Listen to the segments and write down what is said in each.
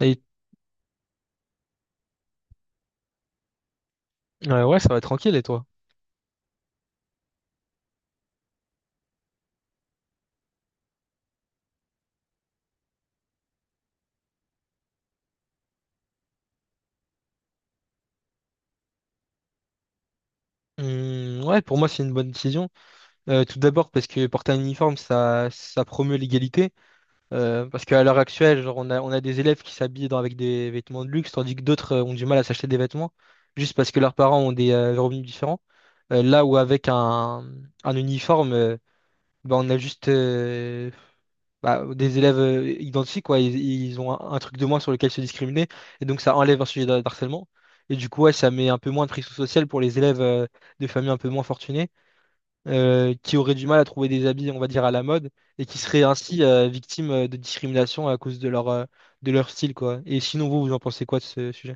Et, ouais, ça va tranquille, et toi? Ouais, pour moi, c'est une bonne décision. Tout d'abord parce que porter un uniforme, ça promeut l'égalité. Parce qu'à l'heure actuelle, genre, on a des élèves qui s'habillent avec des vêtements de luxe, tandis que d'autres ont du mal à s'acheter des vêtements, juste parce que leurs parents ont des revenus différents. Là où avec un uniforme, bah, on a juste, bah, des élèves identiques, quoi, ils ont un truc de moins sur lequel se discriminer, et donc ça enlève un sujet d'harcèlement. Et du coup, ouais, ça met un peu moins de pression sociale pour les élèves de familles un peu moins fortunées, qui auraient du mal à trouver des habits, on va dire, à la mode, et qui seraient ainsi victimes de discrimination à cause de leur style, quoi. Et sinon, vous, vous en pensez quoi de ce sujet?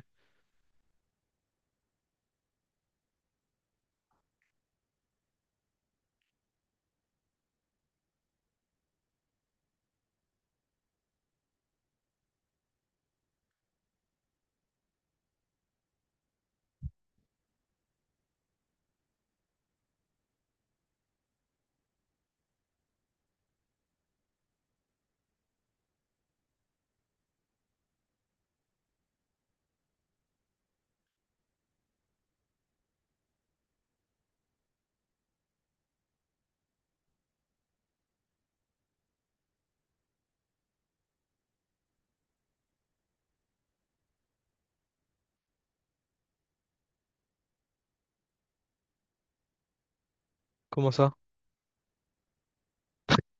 Comment ça?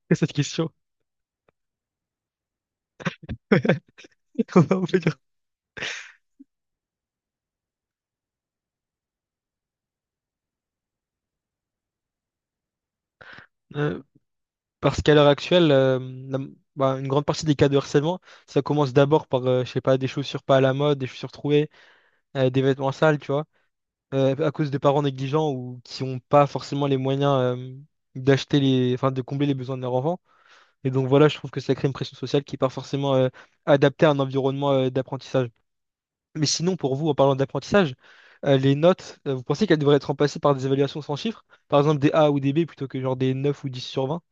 Cette question. Comment on peut dire? Parce qu'à l'heure actuelle, la- bah, une grande partie des cas de harcèlement, ça commence d'abord par, je sais pas, des chaussures pas à la mode, des chaussures trouées, des vêtements sales, tu vois, à cause de parents négligents ou qui n'ont pas forcément les moyens, euh, d'acheter les, enfin, de combler les besoins de leur enfant. Et donc voilà, je trouve que ça crée une pression sociale qui n'est pas forcément, adaptée à un environnement, d'apprentissage. Mais sinon, pour vous, en parlant d'apprentissage, les notes, vous pensez qu'elles devraient être remplacées par des évaluations sans chiffres? Par exemple, des A ou des B plutôt que genre des 9 ou 10 sur 20?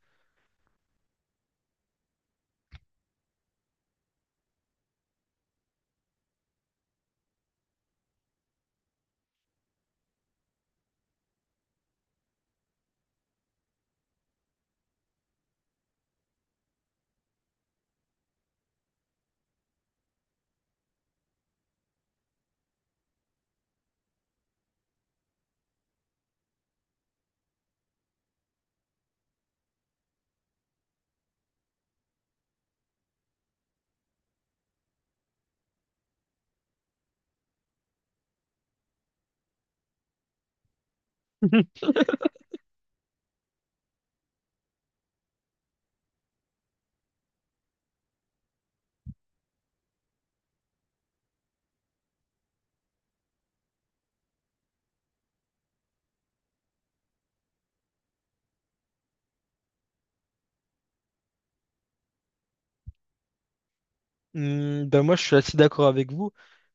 Hmm, ben moi, je suis assez d'accord avec vous.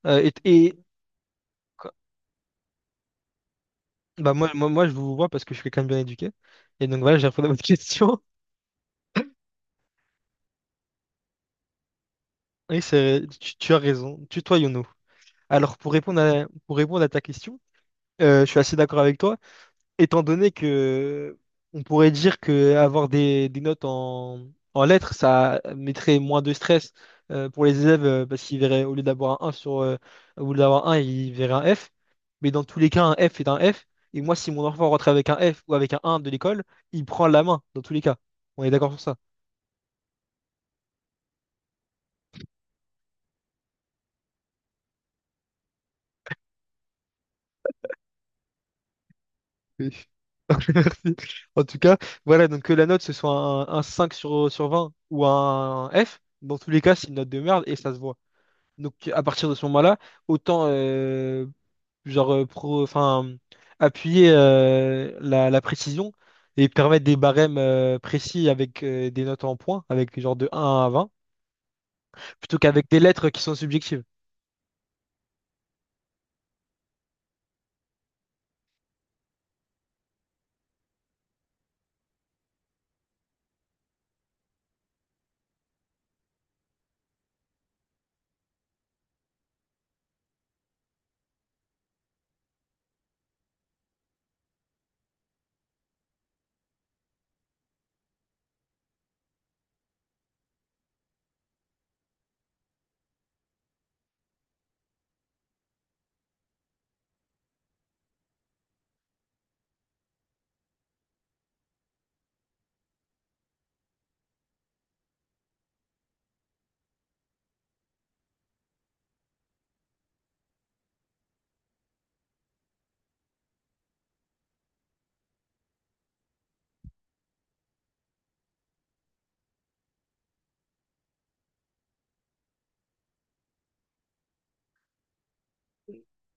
Euh, et et quoi- Bah moi, je vous vois parce que je suis quelqu'un de bien éduqué. Et donc voilà, j'ai répondu à votre question. Oui, tu as raison. Tutoyons-nous. Alors, pour répondre à ta question, je suis assez d'accord avec toi. Étant donné que on pourrait dire que avoir des notes en lettres, ça mettrait moins de stress pour les élèves parce qu'ils verraient, au lieu d'avoir un 1 sur, au lieu d'avoir un, ils verraient un F. Mais dans tous les cas, un F est un F. Et moi, si mon enfant rentre avec un F ou avec un de l'école, il prend la main, dans tous les cas. On est d'accord sur ça. Oui. Merci. En tout cas, voilà, donc que la note, ce soit un 5 sur 20 ou un F, dans tous les cas, c'est une note de merde et ça se voit. Donc à partir de ce moment-là, autant genre enfin appuyer la précision et permettre des barèmes précis avec des notes en points, avec genre de 1 à 20, plutôt qu'avec des lettres qui sont subjectives.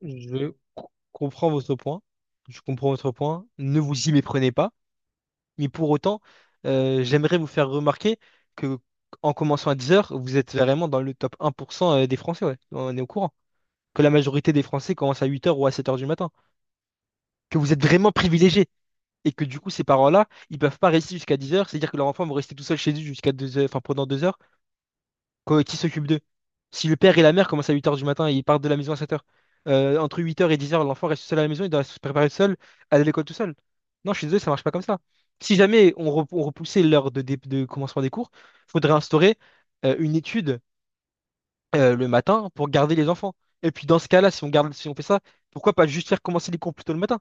Comprends votre point. Je comprends votre point. Ne vous y méprenez pas. Mais pour autant, j'aimerais vous faire remarquer que en commençant à 10 heures, vous êtes vraiment dans le top 1% des Français, ouais. On est au courant. Que la majorité des Français commencent à 8 heures ou à 7 heures du matin. Que vous êtes vraiment privilégiés et que du coup, ces parents-là, ils peuvent pas rester jusqu'à 10 heures, c'est-à-dire que leur enfant va rester tout seul chez eux jusqu'à 2 heures, enfin pendant 2 heures, quoi, qui s'occupe d'eux? Si le père et la mère commencent à 8 heures du matin et ils partent de la maison à 7 heures, entre 8 heures et 10 heures, l'enfant reste seul à la maison, il doit se préparer seul, aller à l'école tout seul. Non, je suis désolé, ça marche pas comme ça. Si jamais on repoussait l'heure de commencement des cours, faudrait instaurer une étude le matin pour garder les enfants. Et puis dans ce cas-là, si on garde, si on fait ça, pourquoi pas juste faire commencer les cours plus tôt le matin.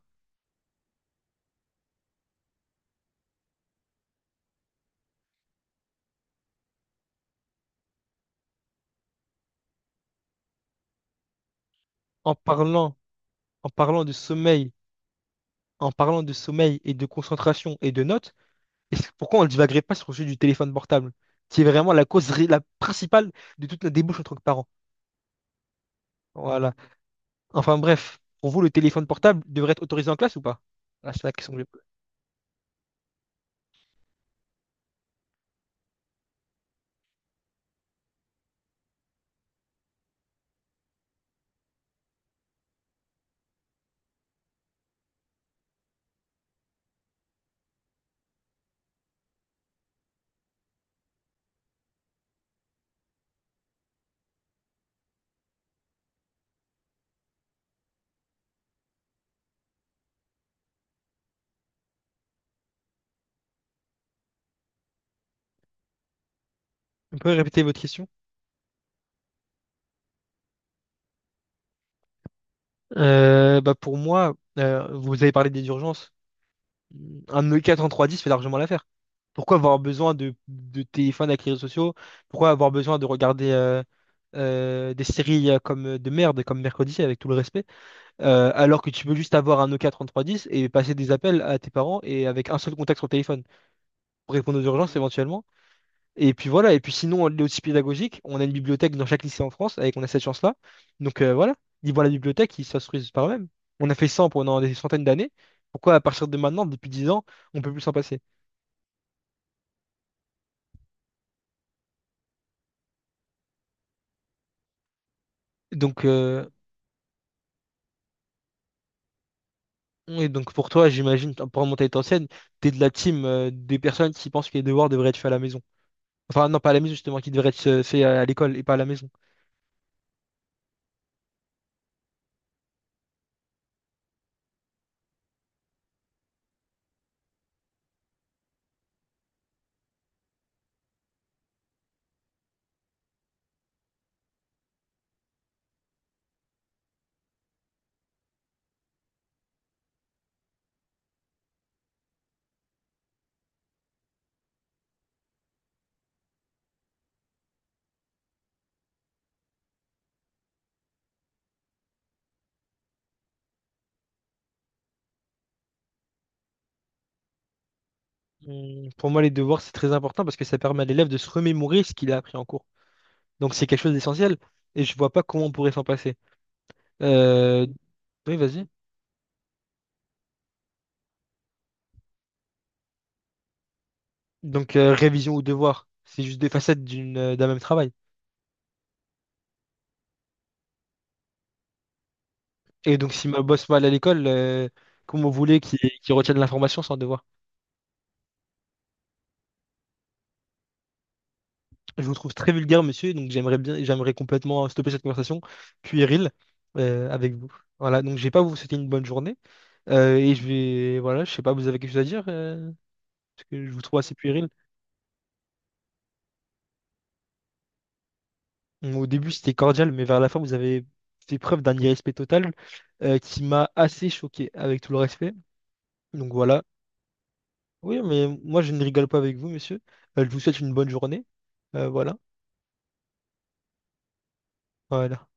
En parlant en parlant de sommeil, en parlant de sommeil et de concentration et de notes, et c'est pourquoi on ne divaguerait pas sur le sujet du téléphone portable, qui est vraiment la cause la principale de toute la débouche entre parents. Voilà. Enfin bref, pour vous, le téléphone portable devrait être autorisé en classe ou pas? Ah, c'est la question que j'ai- Vous pouvez répéter votre question? Bah pour moi, vous avez parlé des urgences. Un E4 en 310 fait largement l'affaire. Pourquoi avoir besoin de téléphone avec les réseaux sociaux? Pourquoi avoir besoin de regarder des séries comme de merde, comme Mercredi, avec tout le respect, alors que tu peux juste avoir un Nokia 3310 et passer des appels à tes parents et avec un seul contact sur le téléphone pour répondre aux urgences éventuellement. Et puis voilà, et puis sinon, on est aussi pédagogique. On a une bibliothèque dans chaque lycée en France, avec on a cette chance-là. Donc voilà, ils vont à la bibliothèque, ils s'instruisent par eux-mêmes. On a fait ça pendant des centaines d'années. Pourquoi à partir de maintenant, depuis 10 ans, on peut plus s'en passer? Donc, euh, Oui, donc pour toi, j'imagine, pour remonter ton scène, t'es de la team des personnes qui pensent que les devoirs devraient être faits à la maison. Enfin, non, pas à la maison, justement, qui devraient être faits à l'école et pas à la maison. Pour moi, les devoirs, c'est très important parce que ça permet à l'élève de se remémorer ce qu'il a appris en cours. Donc, c'est quelque chose d'essentiel et je vois pas comment on pourrait s'en passer. Euh, Oui, vas-y. Donc, révision ou devoir, c'est juste des facettes d'un même travail. Et donc, si ma bosse mal à l'école, comment vous voulez qu'il retienne l'information sans devoir? Je vous trouve très vulgaire, monsieur, donc j'aimerais bien, j'aimerais complètement stopper cette conversation puérile avec vous. Voilà, donc je vais pas vous souhaiter une bonne journée et je vais, voilà, je sais pas, vous avez quelque chose à dire parce que je vous trouve assez puéril. Bon, au début, c'était cordial, mais vers la fin, vous avez fait preuve d'un irrespect total qui m'a assez choqué, avec tout le respect. Donc voilà. Oui, mais moi, je ne rigole pas avec vous, monsieur. Je vous souhaite une bonne journée. Voilà. Voilà.